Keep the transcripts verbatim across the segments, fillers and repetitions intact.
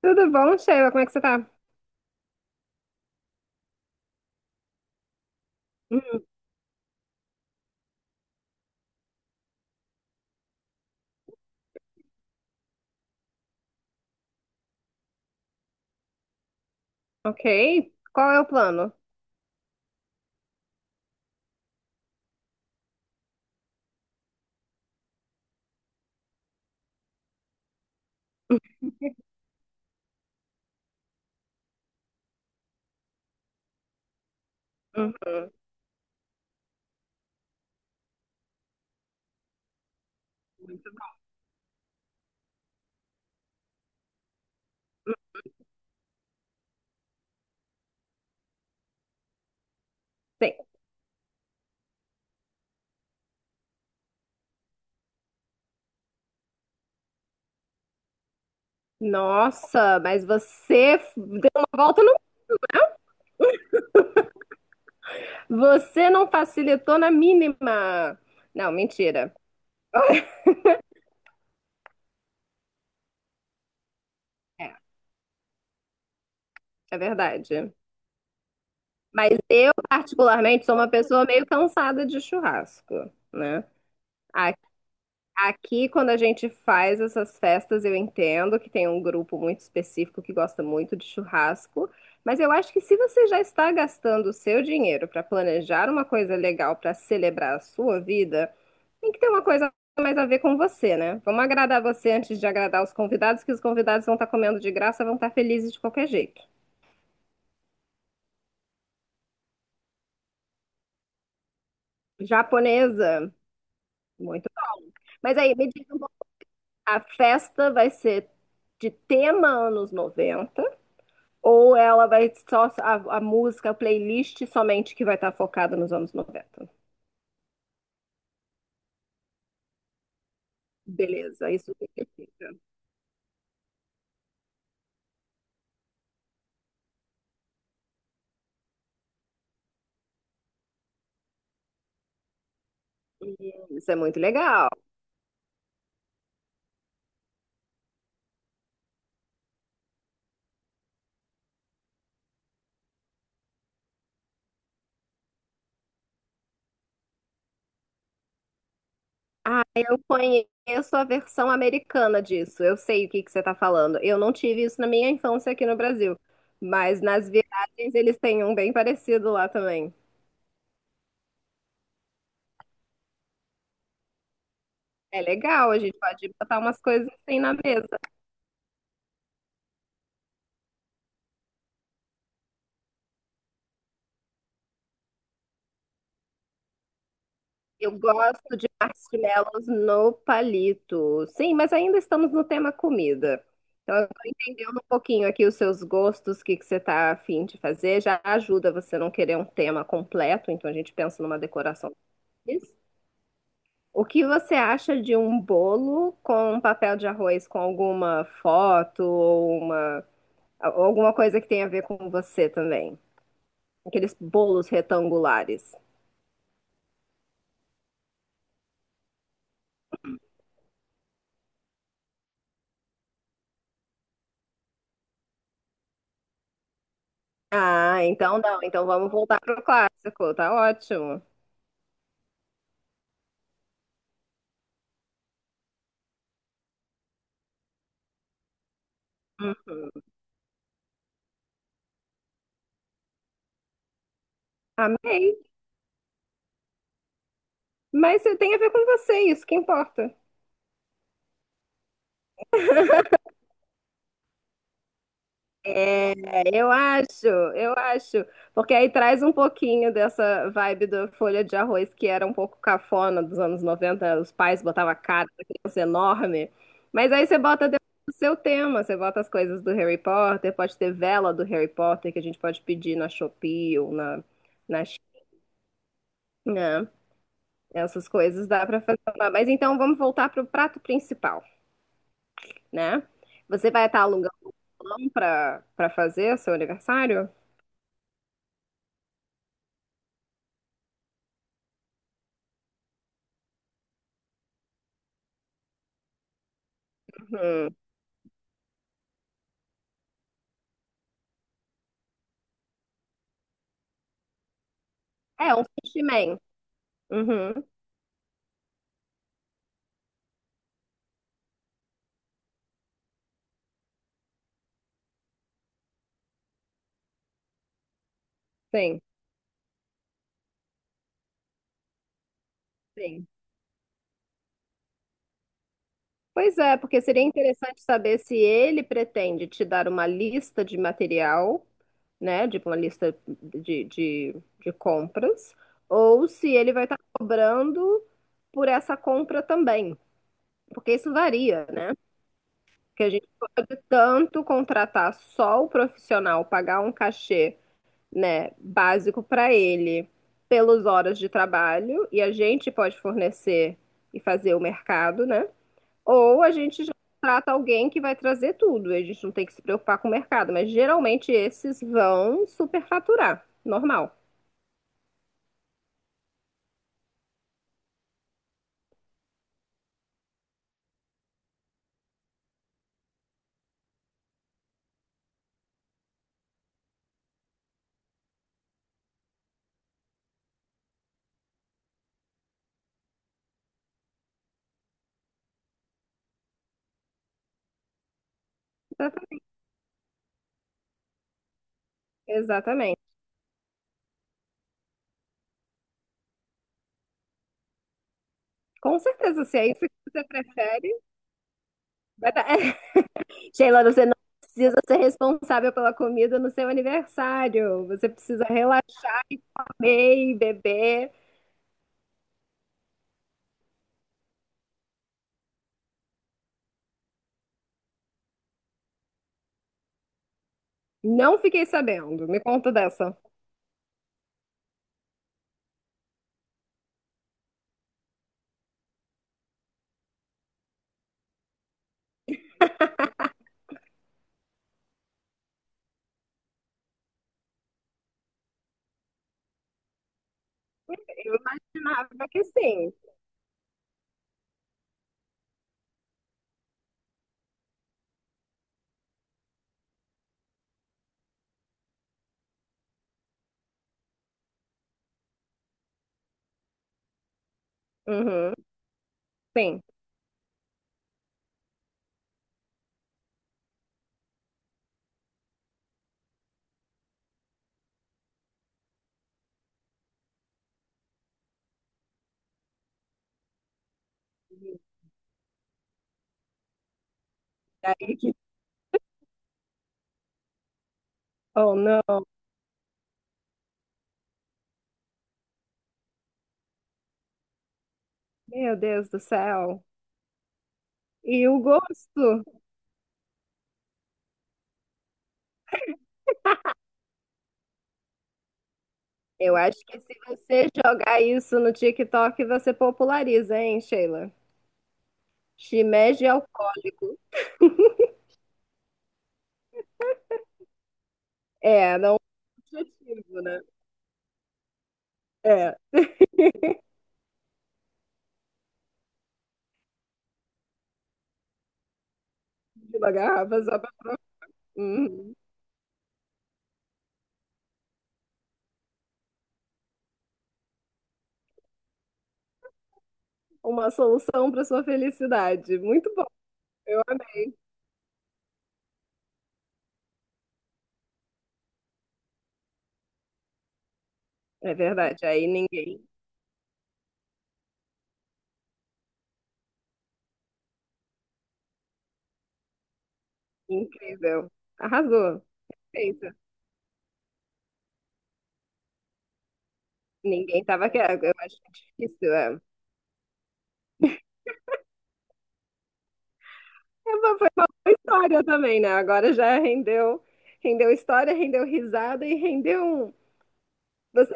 Tudo bom, Sheila? Como é que você tá? Hum, ok. Qual é o plano? Uhum. Muito bom. Sim. Nossa, mas você f- deu uma volta no. Você não facilitou na mínima. Não, mentira. É, é verdade. Mas eu, particularmente, sou uma pessoa meio cansada de churrasco, né? Aqui, quando a gente faz essas festas, eu entendo que tem um grupo muito específico que gosta muito de churrasco, mas eu acho que se você já está gastando o seu dinheiro para planejar uma coisa legal para celebrar a sua vida, tem que ter uma coisa mais a ver com você, né? Vamos agradar você antes de agradar os convidados, que os convidados vão estar comendo de graça, vão estar felizes de qualquer jeito. Japonesa, muito bom. Mas aí, me diz um pouco, a festa vai ser de tema anos noventa? Ou ela vai só a, a música, a playlist somente que vai estar focada nos anos noventa? Beleza, isso significa. Hum, Isso é muito legal. Ah, eu conheço a versão americana disso. Eu sei o que que você está falando. Eu não tive isso na minha infância aqui no Brasil, mas nas viagens eles têm um bem parecido lá também. É legal, a gente pode botar umas coisas assim na mesa. Eu gosto de marshmallows no palito. Sim, mas ainda estamos no tema comida. Então, eu tô entendendo um pouquinho aqui os seus gostos, o que que você tá afim de fazer. Já ajuda você não querer um tema completo, então a gente pensa numa decoração simples. O que você acha de um bolo com um papel de arroz com alguma foto ou uma, ou alguma coisa que tenha a ver com você também? Aqueles bolos retangulares. Ah, então não. Então vamos voltar pro clássico. Tá ótimo. Uhum. Amei. Mas eh, tem a ver com você, isso que importa. É, eu acho, eu acho. Porque aí traz um pouquinho dessa vibe da folha de arroz que era um pouco cafona dos anos noventa, os pais botavam a cara da criança enorme. Mas aí você bota dentro do seu tema, você bota as coisas do Harry Potter, pode ter vela do Harry Potter que a gente pode pedir na Shopee ou na, na China. Essas coisas dá pra fazer lá. Mas então vamos voltar pro prato principal, né? Você vai estar alugando um salão para para fazer seu aniversário? Uhum. É, um sushi man. Uhum. Sim, sim. Pois é, porque seria interessante saber se ele pretende te dar uma lista de material, né? Tipo uma lista de, de, de compras, ou se ele vai estar cobrando por essa compra também. Porque isso varia, né? Porque a gente pode tanto contratar só o profissional, pagar um cachê, né, básico para ele pelas horas de trabalho e a gente pode fornecer e fazer o mercado, né? Ou a gente já trata alguém que vai trazer tudo, e a gente não tem que se preocupar com o mercado, mas geralmente esses vão superfaturar, normal. Exatamente. Exatamente. Com certeza, se é isso que você prefere, vai dar. Sheila, você não precisa ser responsável pela comida no seu aniversário. Você precisa relaxar e comer e beber. Não fiquei sabendo. Me conta dessa. Eu imaginava que sim. Uhum, sim. Aí que... Oh, não. Meu Deus do céu. E o gosto? Eu acho que se você jogar isso no TikTok, você populariza, hein, Sheila? Shimeji é alcoólico. É, não é um objetivo, né? É, de uma garrafa só pra... Uhum. Uma solução para sua felicidade. Muito bom. Eu amei. É verdade. Aí ninguém. Incrível. Arrasou. Feito. Ninguém tava querendo. Eu acho difícil. É. É uma- Foi uma história também, né? Agora já rendeu, rendeu história, rendeu risada e rendeu. Um- Você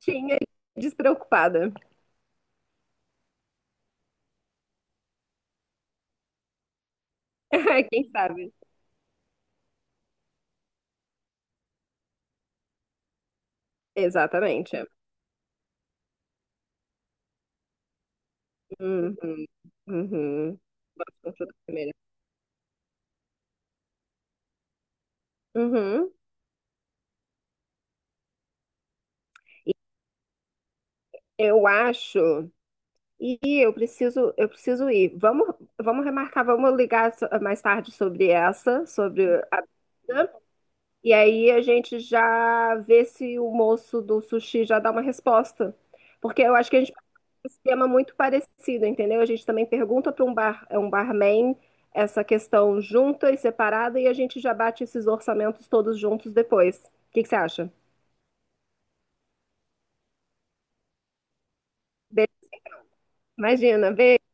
tinha despreocupada. Quem sabe? Exatamente. Uhum, uhum. Gosto muito da primeira. Uhum. E eu acho. E eu preciso, eu preciso ir. Vamos, vamos remarcar, vamos ligar so- mais tarde sobre essa, sobre a, né? E aí a gente já vê se o moço do sushi já dá uma resposta. Porque eu acho que a gente faz um esquema muito parecido, entendeu? A gente também pergunta para um bar, é um barman, essa questão junta e separada, e a gente já bate esses orçamentos todos juntos depois. O que que você acha? Be- Imagina, beijo.